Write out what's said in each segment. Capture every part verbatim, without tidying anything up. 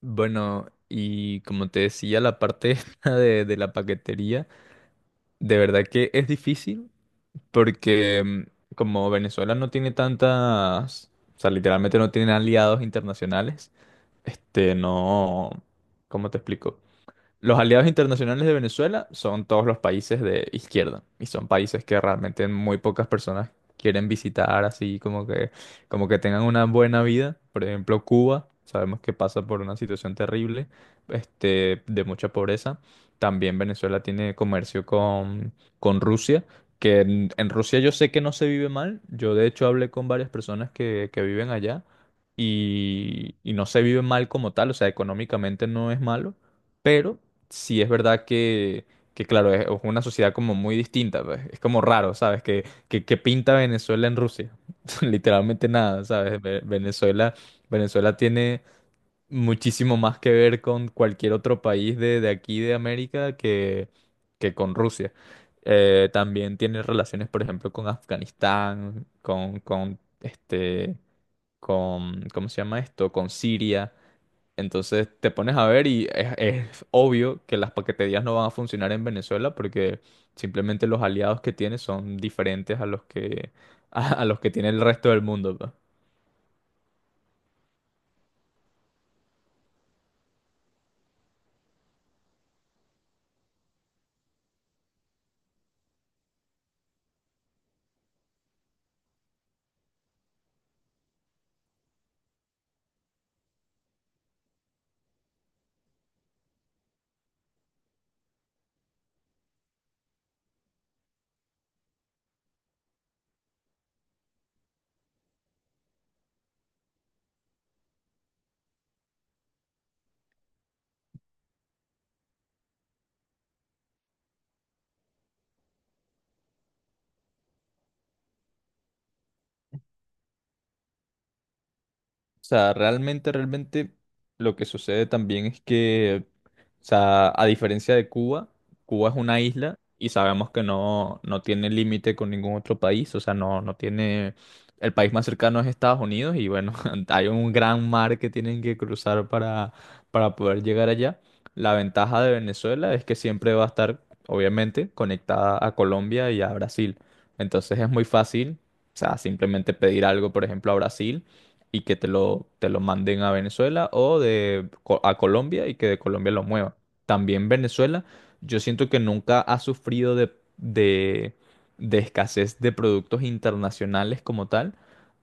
Bueno, y como te decía, la parte esta de, de la paquetería, de verdad que es difícil porque mm, como Venezuela no tiene tantas, o sea, literalmente no tiene aliados internacionales, este, no, ¿cómo te explico? Los aliados internacionales de Venezuela son todos los países de izquierda y son países que realmente muy pocas personas quieren visitar así como que como que tengan una buena vida. Por ejemplo, Cuba, sabemos que pasa por una situación terrible, este, de mucha pobreza. También Venezuela tiene comercio con con Rusia, que en, en Rusia yo sé que no se vive mal. Yo de hecho hablé con varias personas que que viven allá y, y no se vive mal como tal, o sea, económicamente no es malo, pero sí es verdad que, que claro, es es una sociedad como muy distinta, pues. Es como raro, ¿sabes? Que, que, que pinta Venezuela en Rusia. Literalmente nada, ¿sabes? Ve- Venezuela, Venezuela tiene muchísimo más que ver con cualquier otro país de, de aquí de América que, que con Rusia. Eh, también tiene relaciones, por ejemplo, con Afganistán, con, con este, con, ¿cómo se llama esto? Con Siria. Entonces te pones a ver y es, es obvio que las paqueterías no van a funcionar en Venezuela porque simplemente los aliados que tiene son diferentes a los que, a, a los que tiene el resto del mundo. Pues. O sea, realmente, realmente lo que sucede también es que, o sea, a diferencia de Cuba, Cuba es una isla y sabemos que no, no tiene límite con ningún otro país, o sea, no, no tiene, el país más cercano es Estados Unidos y bueno, hay un gran mar que tienen que cruzar para, para poder llegar allá. La ventaja de Venezuela es que siempre va a estar, obviamente, conectada a Colombia y a Brasil. Entonces es muy fácil, o sea, simplemente pedir algo, por ejemplo, a Brasil y que te lo, te lo manden a Venezuela o de, Co- a Colombia y que de Colombia lo muevan. También Venezuela, yo siento que nunca ha sufrido de, de, de escasez de productos internacionales como tal.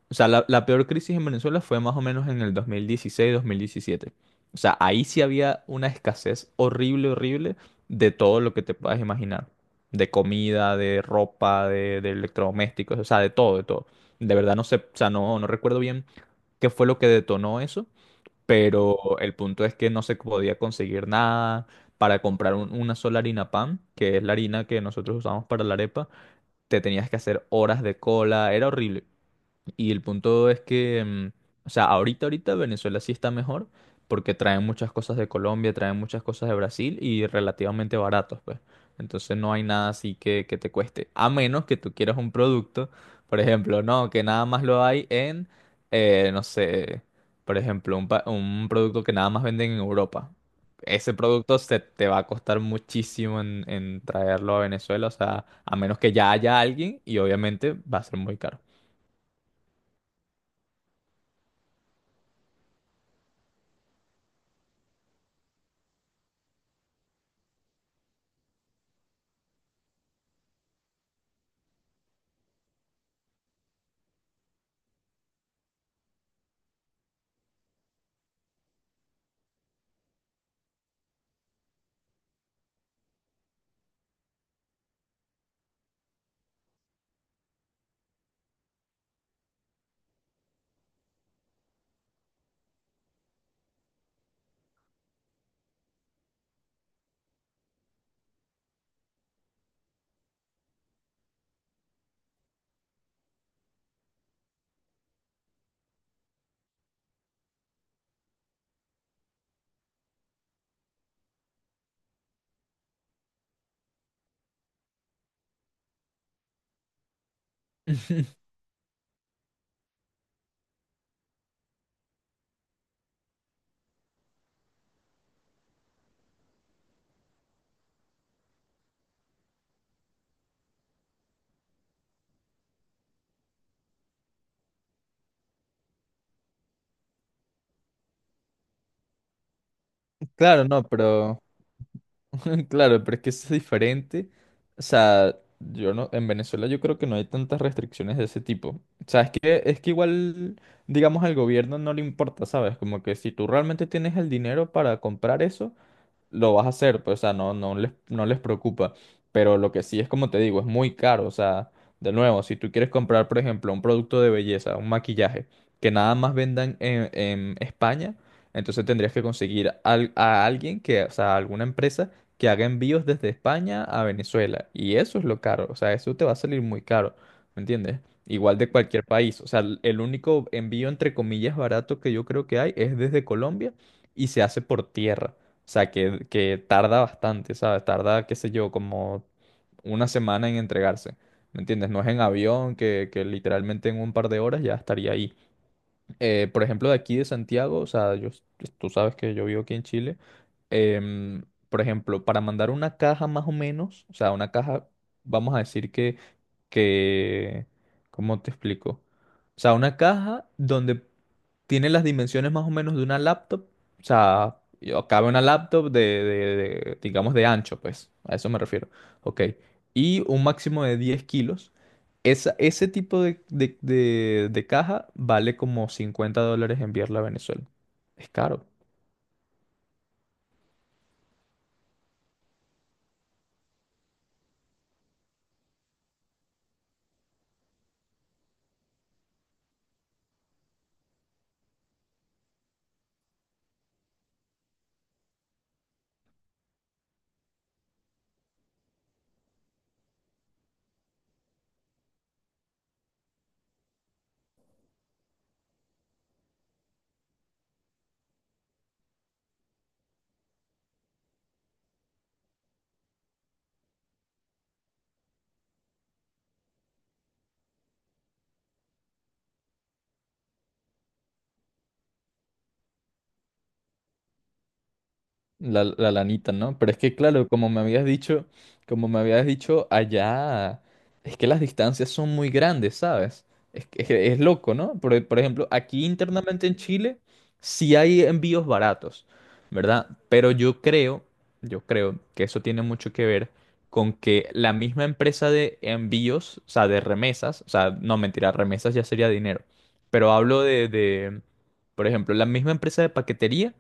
O sea, la, la peor crisis en Venezuela fue más o menos en el dos mil dieciséis-dos mil diecisiete. O sea, ahí sí había una escasez horrible, horrible de todo lo que te puedas imaginar. De comida, de ropa, de, de electrodomésticos, o sea, de todo, de todo. De verdad no sé, o sea, no, no recuerdo bien qué fue lo que detonó eso, pero el punto es que no se podía conseguir nada. Para comprar un- una sola harina pan, que es la harina que nosotros usamos para la arepa, te tenías que hacer horas de cola, era horrible. Y el punto es que, mm, o sea, ahorita, ahorita Venezuela sí está mejor porque traen muchas cosas de Colombia, traen muchas cosas de Brasil y relativamente baratos, pues. Entonces no hay nada así que, que te cueste. A menos que tú quieras un producto, por ejemplo, no, que nada más lo hay en, eh, no sé, por ejemplo, un, pa- un producto que nada más venden en Europa. Ese producto se te va a costar muchísimo en, en traerlo a Venezuela, o sea, a menos que ya haya alguien y obviamente va a ser muy caro. Claro, no, pero claro, pero es que es diferente. O sea, yo no, en Venezuela yo creo que no hay tantas restricciones de ese tipo. O sea, es que es que igual, digamos, al gobierno no le importa, ¿sabes? Como que si tú realmente tienes el dinero para comprar eso, lo vas a hacer, pues, o sea, no, no les, no les preocupa. Pero lo que sí es, como te digo, es muy caro. O sea, de nuevo, si tú quieres comprar, por ejemplo, un producto de belleza, un maquillaje, que nada más vendan en, en España, entonces tendrías que conseguir al- a alguien que, o sea, alguna empresa que haga envíos desde España a Venezuela. Y eso es lo caro. O sea, eso te va a salir muy caro. ¿Me entiendes? Igual de cualquier país. O sea, el el único envío, entre comillas, barato que yo creo que hay es desde Colombia y se hace por tierra. O sea, que, que tarda bastante, ¿sabes? Tarda, qué sé yo, como una semana en entregarse. ¿Me entiendes? No es en avión que, que literalmente en un par de horas ya estaría ahí eh, por ejemplo, de aquí de Santiago, o sea, yo, s- tú sabes que yo vivo aquí en Chile, em, por ejemplo, para mandar una caja más o menos, o sea, una caja, vamos a decir que, que, ¿cómo te explico? O sea, una caja donde tiene las dimensiones más o menos de una laptop, o sea, yo- cabe una laptop de, de- de, digamos, de ancho, pues, a eso me refiero, ok, y un máximo de diez kilos. Esa, ese tipo de, de, de- de caja vale como cincuenta dólares enviarla a Venezuela. Es caro. La, la lanita, ¿no? Pero es que, claro, como me habías dicho, como me habías dicho, allá es que las distancias son muy grandes, ¿sabes? Es, que- es, que es loco, ¿no? Por, por ejemplo, aquí internamente en Chile sí hay envíos baratos, ¿verdad? Pero yo creo, yo creo que eso tiene mucho que ver con que la misma empresa de envíos, o sea, de remesas, o sea, no mentira, remesas ya sería dinero, pero hablo de, de, por ejemplo, la misma empresa de paquetería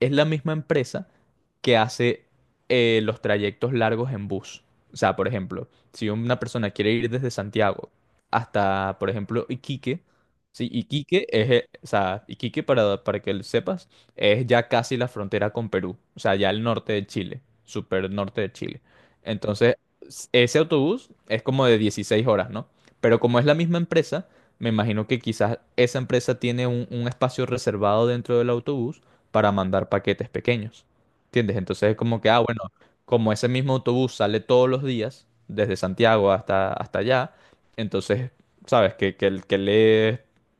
es la misma empresa que hace eh, los trayectos largos en bus. O sea, por ejemplo, si una persona quiere ir desde Santiago hasta, por ejemplo, Iquique, sí, Iquique es, eh, o sea, Iquique para, para que lo sepas, es ya casi la frontera con Perú, o sea, ya el norte de Chile, super norte de Chile. Entonces, s- ese autobús es como de dieciséis horas, ¿no? Pero como es la misma empresa, me imagino que quizás esa empresa tiene un un espacio reservado dentro del autobús para mandar paquetes pequeños. ¿Entiendes? Entonces es como que, ah, bueno, como ese mismo autobús sale todos los días, desde Santiago hasta, hasta allá, entonces, ¿sabes? Que, que, el- que le,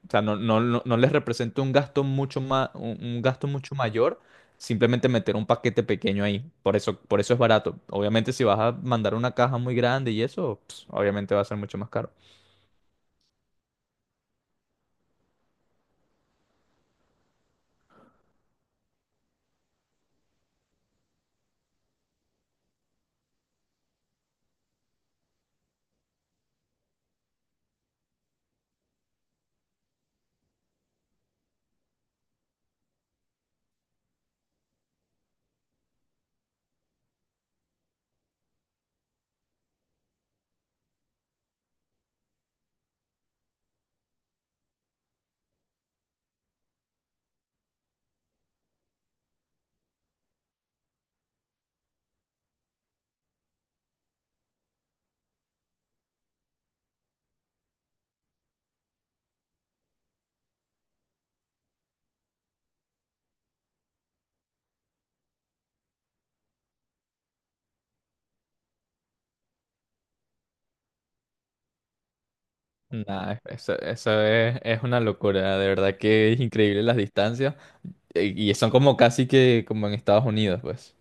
o sea, no, no, no, no les representa un gasto mucho más, un, un gasto mucho mayor simplemente meter un paquete pequeño ahí. Por eso, por eso es barato. Obviamente, si vas a mandar una caja muy grande y eso, pues, obviamente va a ser mucho más caro. Nada, eso, eso es, es una locura, de verdad que es increíble las distancias. eh, Y son como casi que como en Estados Unidos, pues.